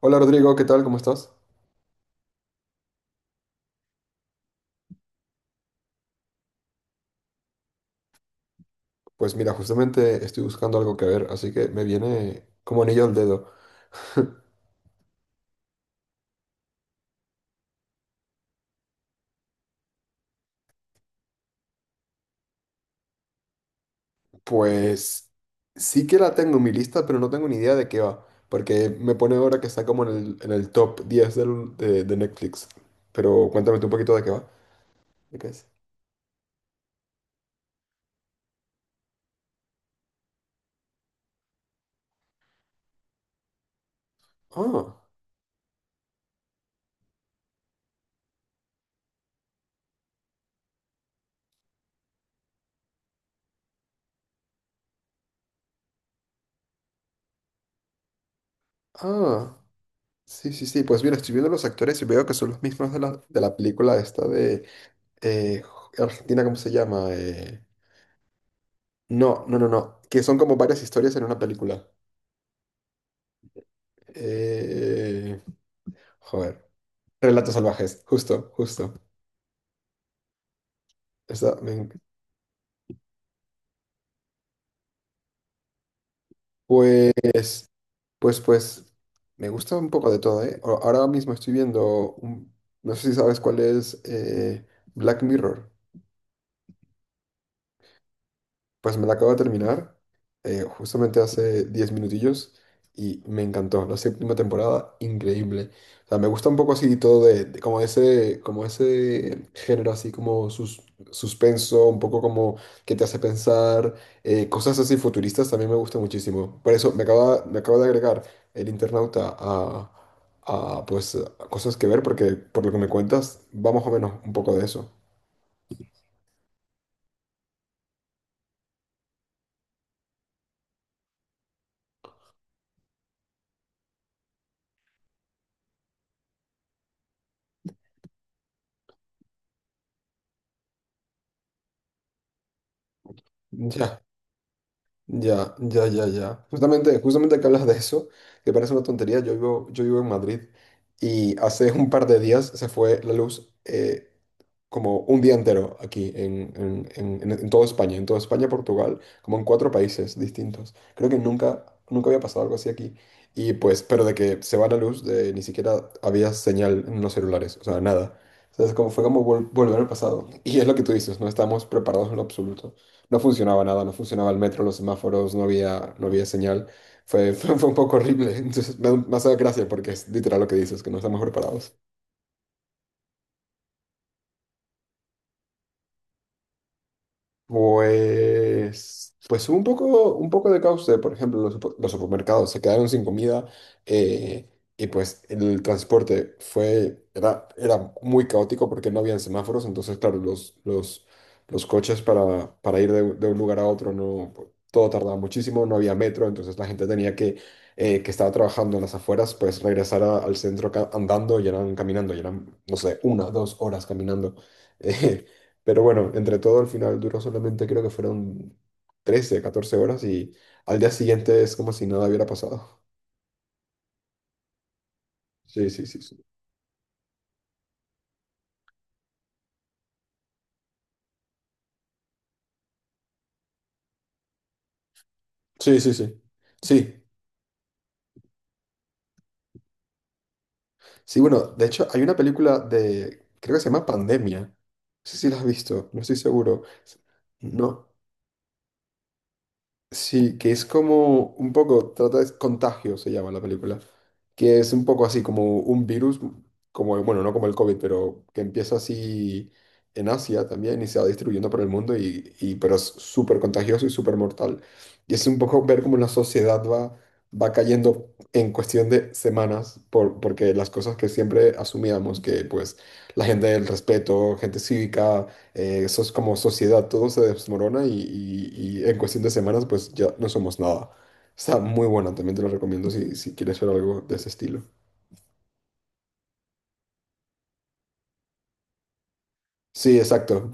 Hola Rodrigo, ¿qué tal? ¿Cómo estás? Pues mira, justamente estoy buscando algo que ver, así que me viene como anillo al dedo. Pues sí que la tengo en mi lista, pero no tengo ni idea de qué va, porque me pone ahora que está como en el top 10 de Netflix. Pero cuéntame tú un poquito de qué va. ¿De qué es? Ah, ah, sí, sí, sí. Pues mira, estoy viendo los actores y veo que son los mismos de la película esta de eh, Argentina, ¿cómo se llama? No, no, no, no, que son como varias historias en una película. Eh, Joder. Relatos salvajes, justo, justo. Esa me enc- pues, pues, pues, me gusta un poco de todo, ¿eh? Ahora mismo estoy viendo, no sé si sabes cuál es Black Mirror. Pues me la acabo de terminar justamente hace 10 minutillos y me encantó. La séptima temporada, increíble. O sea, me gusta un poco así todo de como ese género así como suspenso, un poco como que te hace pensar, cosas así futuristas también me gusta muchísimo. Por eso me acaba de agregar el internauta a pues a cosas que ver porque por lo que me cuentas va más o menos un poco de eso. Ya. Ya, ya, ya, ya. Justamente, justamente que hablas de eso, que parece una tontería, yo vivo en Madrid y hace un par de días se fue la luz. Como un día entero aquí en toda España, Portugal, como en 4 países distintos. Creo que nunca, nunca había pasado algo así aquí. Y pues, pero de que se va la luz, de, ni siquiera había señal en los celulares, o sea, nada. Entonces, como fue como volver al pasado. Y es lo que tú dices, no estábamos preparados en lo absoluto. No funcionaba nada, no funcionaba el metro, los semáforos, no había señal. Fue un poco horrible. Entonces, me hace gracia porque es literal lo que dices, que no estamos preparados. Pues, pues hubo un poco de caos de, por ejemplo, los supermercados se quedaron sin comida, eh, y pues el transporte era muy caótico porque no habían semáforos, entonces claro, los coches para ir de un lugar a otro, no, pues, todo tardaba muchísimo, no había metro, entonces la gente que estaba trabajando en las afueras, pues regresar al centro andando y eran caminando, y eran, no sé, una, 2 horas caminando. Pero bueno, entre todo, al final duró solamente creo que fueron 13 14 horas y al día siguiente es como si nada hubiera pasado. Sí, sí, sí, sí. Sí, sí, sí. Sí. Sí, bueno, de hecho hay una película de, creo que se llama Pandemia. No sé si la has visto, no estoy seguro. No. Sí, que es como un poco, trata de contagio, se llama la película, que es un poco así como un virus, como, bueno, no como el COVID, pero que empieza así en Asia también y se va distribuyendo por el mundo, pero es súper contagioso y súper mortal. Y es un poco ver cómo la sociedad va, va cayendo en cuestión de semanas, por, porque las cosas que siempre asumíamos, que pues la gente del respeto, gente cívica, eso como sociedad, todo se desmorona y en cuestión de semanas pues ya no somos nada. Está muy bueno, también te lo recomiendo si, si quieres ver algo de ese estilo. Sí, exacto,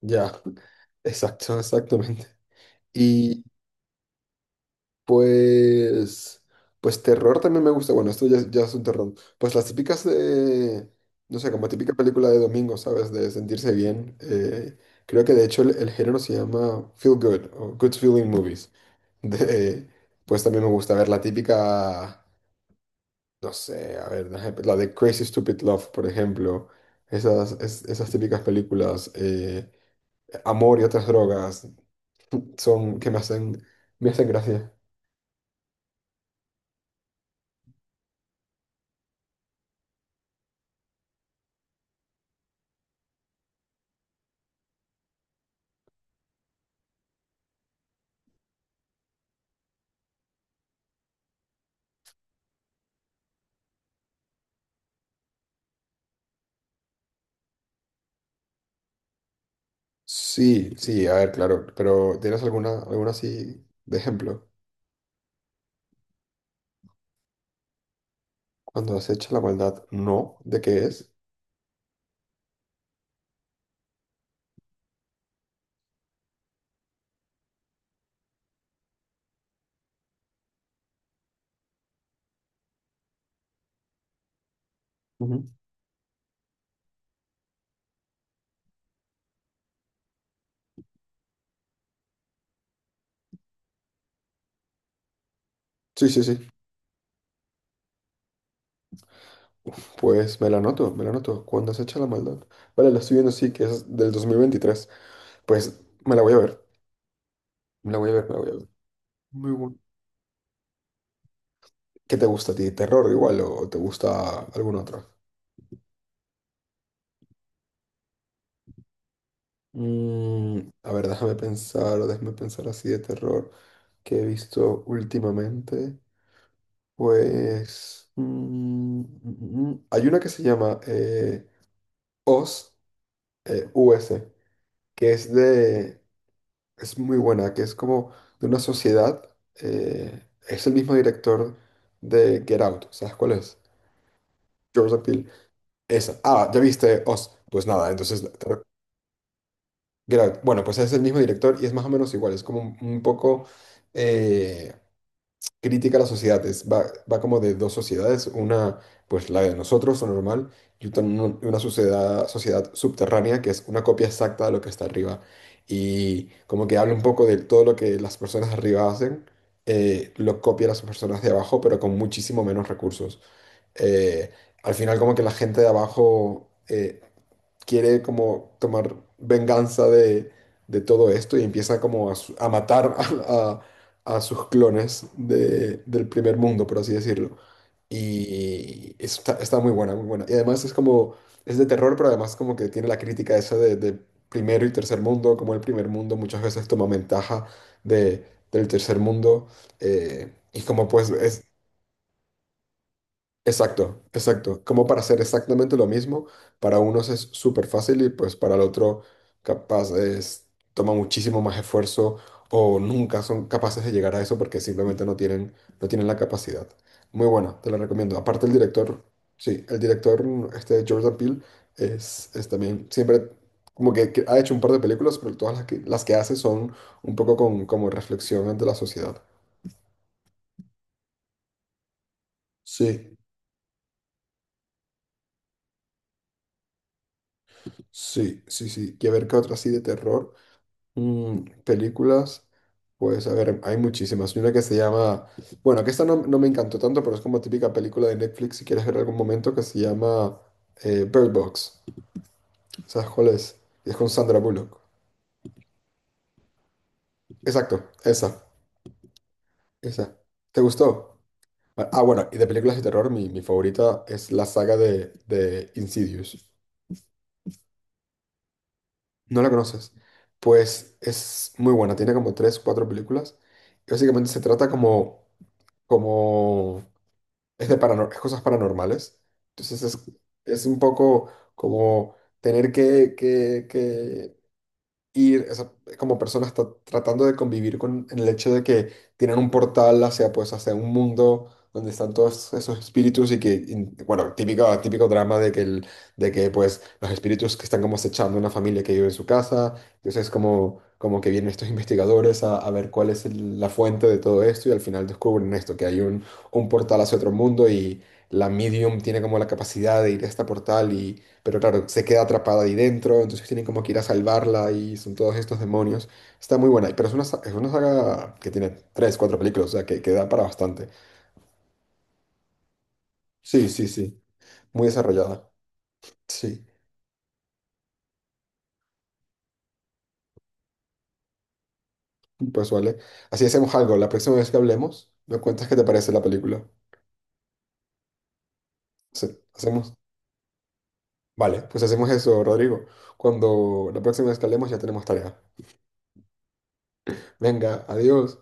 ya, exacto, exactamente. Y pues, pues terror también me gusta, bueno, esto ya, ya es un terror. Pues las típicas de, no sé, como típica película de domingo, ¿sabes? De sentirse bien. Creo que de hecho el género se llama Feel Good o Good Feeling Movies. De- pues también me gusta ver la típica, no sé, a ver, la de Crazy Stupid Love, por ejemplo. Esas, esas típicas películas, Amor y otras drogas, son que me hacen gracia. Sí, sí, a ver, claro, pero ¿tienes alguna, alguna así de ejemplo? Cuando acecha la maldad, no, ¿de qué es? Ujú. Sí, sí, sí. Pues me la anoto, me la anoto. Cuando acecha la maldad. Vale, la estoy viendo, sí, que es del 2023. Pues me la voy a ver. Me la voy a ver, me la voy a ver. Muy bueno. ¿Qué te gusta a ti? ¿Terror igual o te gusta algún otro? Mm, a ver, déjame pensar así de terror que he visto últimamente. Pues mm, hay una que se llama Oz, US, que es de, es muy buena, que es como de una sociedad. Es el mismo director de Get Out, ¿sabes cuál es? Jordan Peele. Esa. Ah, ¿ya viste Oz? Pues nada, entonces te bueno, pues es el mismo director y es más o menos igual, es como un poco eh, crítica a la sociedad, va, va como de dos sociedades, una pues la de nosotros, lo normal, y una sociedad, sociedad subterránea que es una copia exacta de lo que está arriba. Y como que habla un poco de todo lo que las personas de arriba hacen, lo copia las personas de abajo, pero con muchísimo menos recursos. Eh, Al final como que la gente de abajo... quiere como tomar venganza de todo esto y empieza como a matar a sus clones del primer mundo, por así decirlo. Y eso está, está muy buena, muy buena. Y además es como, es de terror, pero además como que tiene la crítica esa de primero y tercer mundo, como el primer mundo muchas veces toma ventaja de, del tercer mundo. eh, y como pues es, Exacto, exacto. Como para hacer exactamente lo mismo, para unos es súper fácil y pues para el otro capaz es, toma muchísimo más esfuerzo o nunca son capaces de llegar a eso porque simplemente no tienen, no tienen la capacidad. Muy buena, te la recomiendo. Aparte el director, sí, el director, este Jordan Peele, es también siempre como que ha hecho un par de películas, pero todas las que hace son un poco con, como reflexión ante la sociedad. Sí, sí, sí, sí. Y a ver qué otra así de terror. Mm, películas, pues a ver, hay muchísimas. Hay una que se llama, bueno, que esta no, no me encantó tanto, pero es como típica película de Netflix, si quieres ver algún momento, que se llama Bird Box. ¿Sabes cuál es? Es con Sandra Bullock. Exacto, esa, esa. ¿Te gustó? Ah, ah, bueno, y de películas de terror, mi favorita es la saga de Insidious. ¿No la conoces? Pues es muy buena, tiene como tres, cuatro películas. Y básicamente se trata como, como es de es cosas paranormales. Entonces es un poco como tener que, que ir, o sea, como persona está tratando de convivir con el hecho de que tienen un portal hacia, pues, hacia un mundo donde están todos esos espíritus y que, bueno, típico, típico drama de que, pues, los espíritus que están como acechando una familia que vive en su casa, entonces como, como que vienen estos investigadores a ver cuál es la fuente de todo esto y al final descubren esto, que hay un portal hacia otro mundo y la medium tiene como la capacidad de ir a este portal, pero claro, se queda atrapada ahí dentro, entonces tienen como que ir a salvarla y son todos estos demonios. Está muy buena, pero es una, es una saga que tiene tres, cuatro películas, o sea, que da para bastante. Sí, sí, sí, muy desarrollada. Sí, pues vale. Así hacemos algo, la próxima vez que hablemos, me cuentas qué te parece la película. Sí, hacemos, vale, pues hacemos eso, Rodrigo. Cuando la próxima vez que hablemos ya tenemos tarea. Venga, adiós.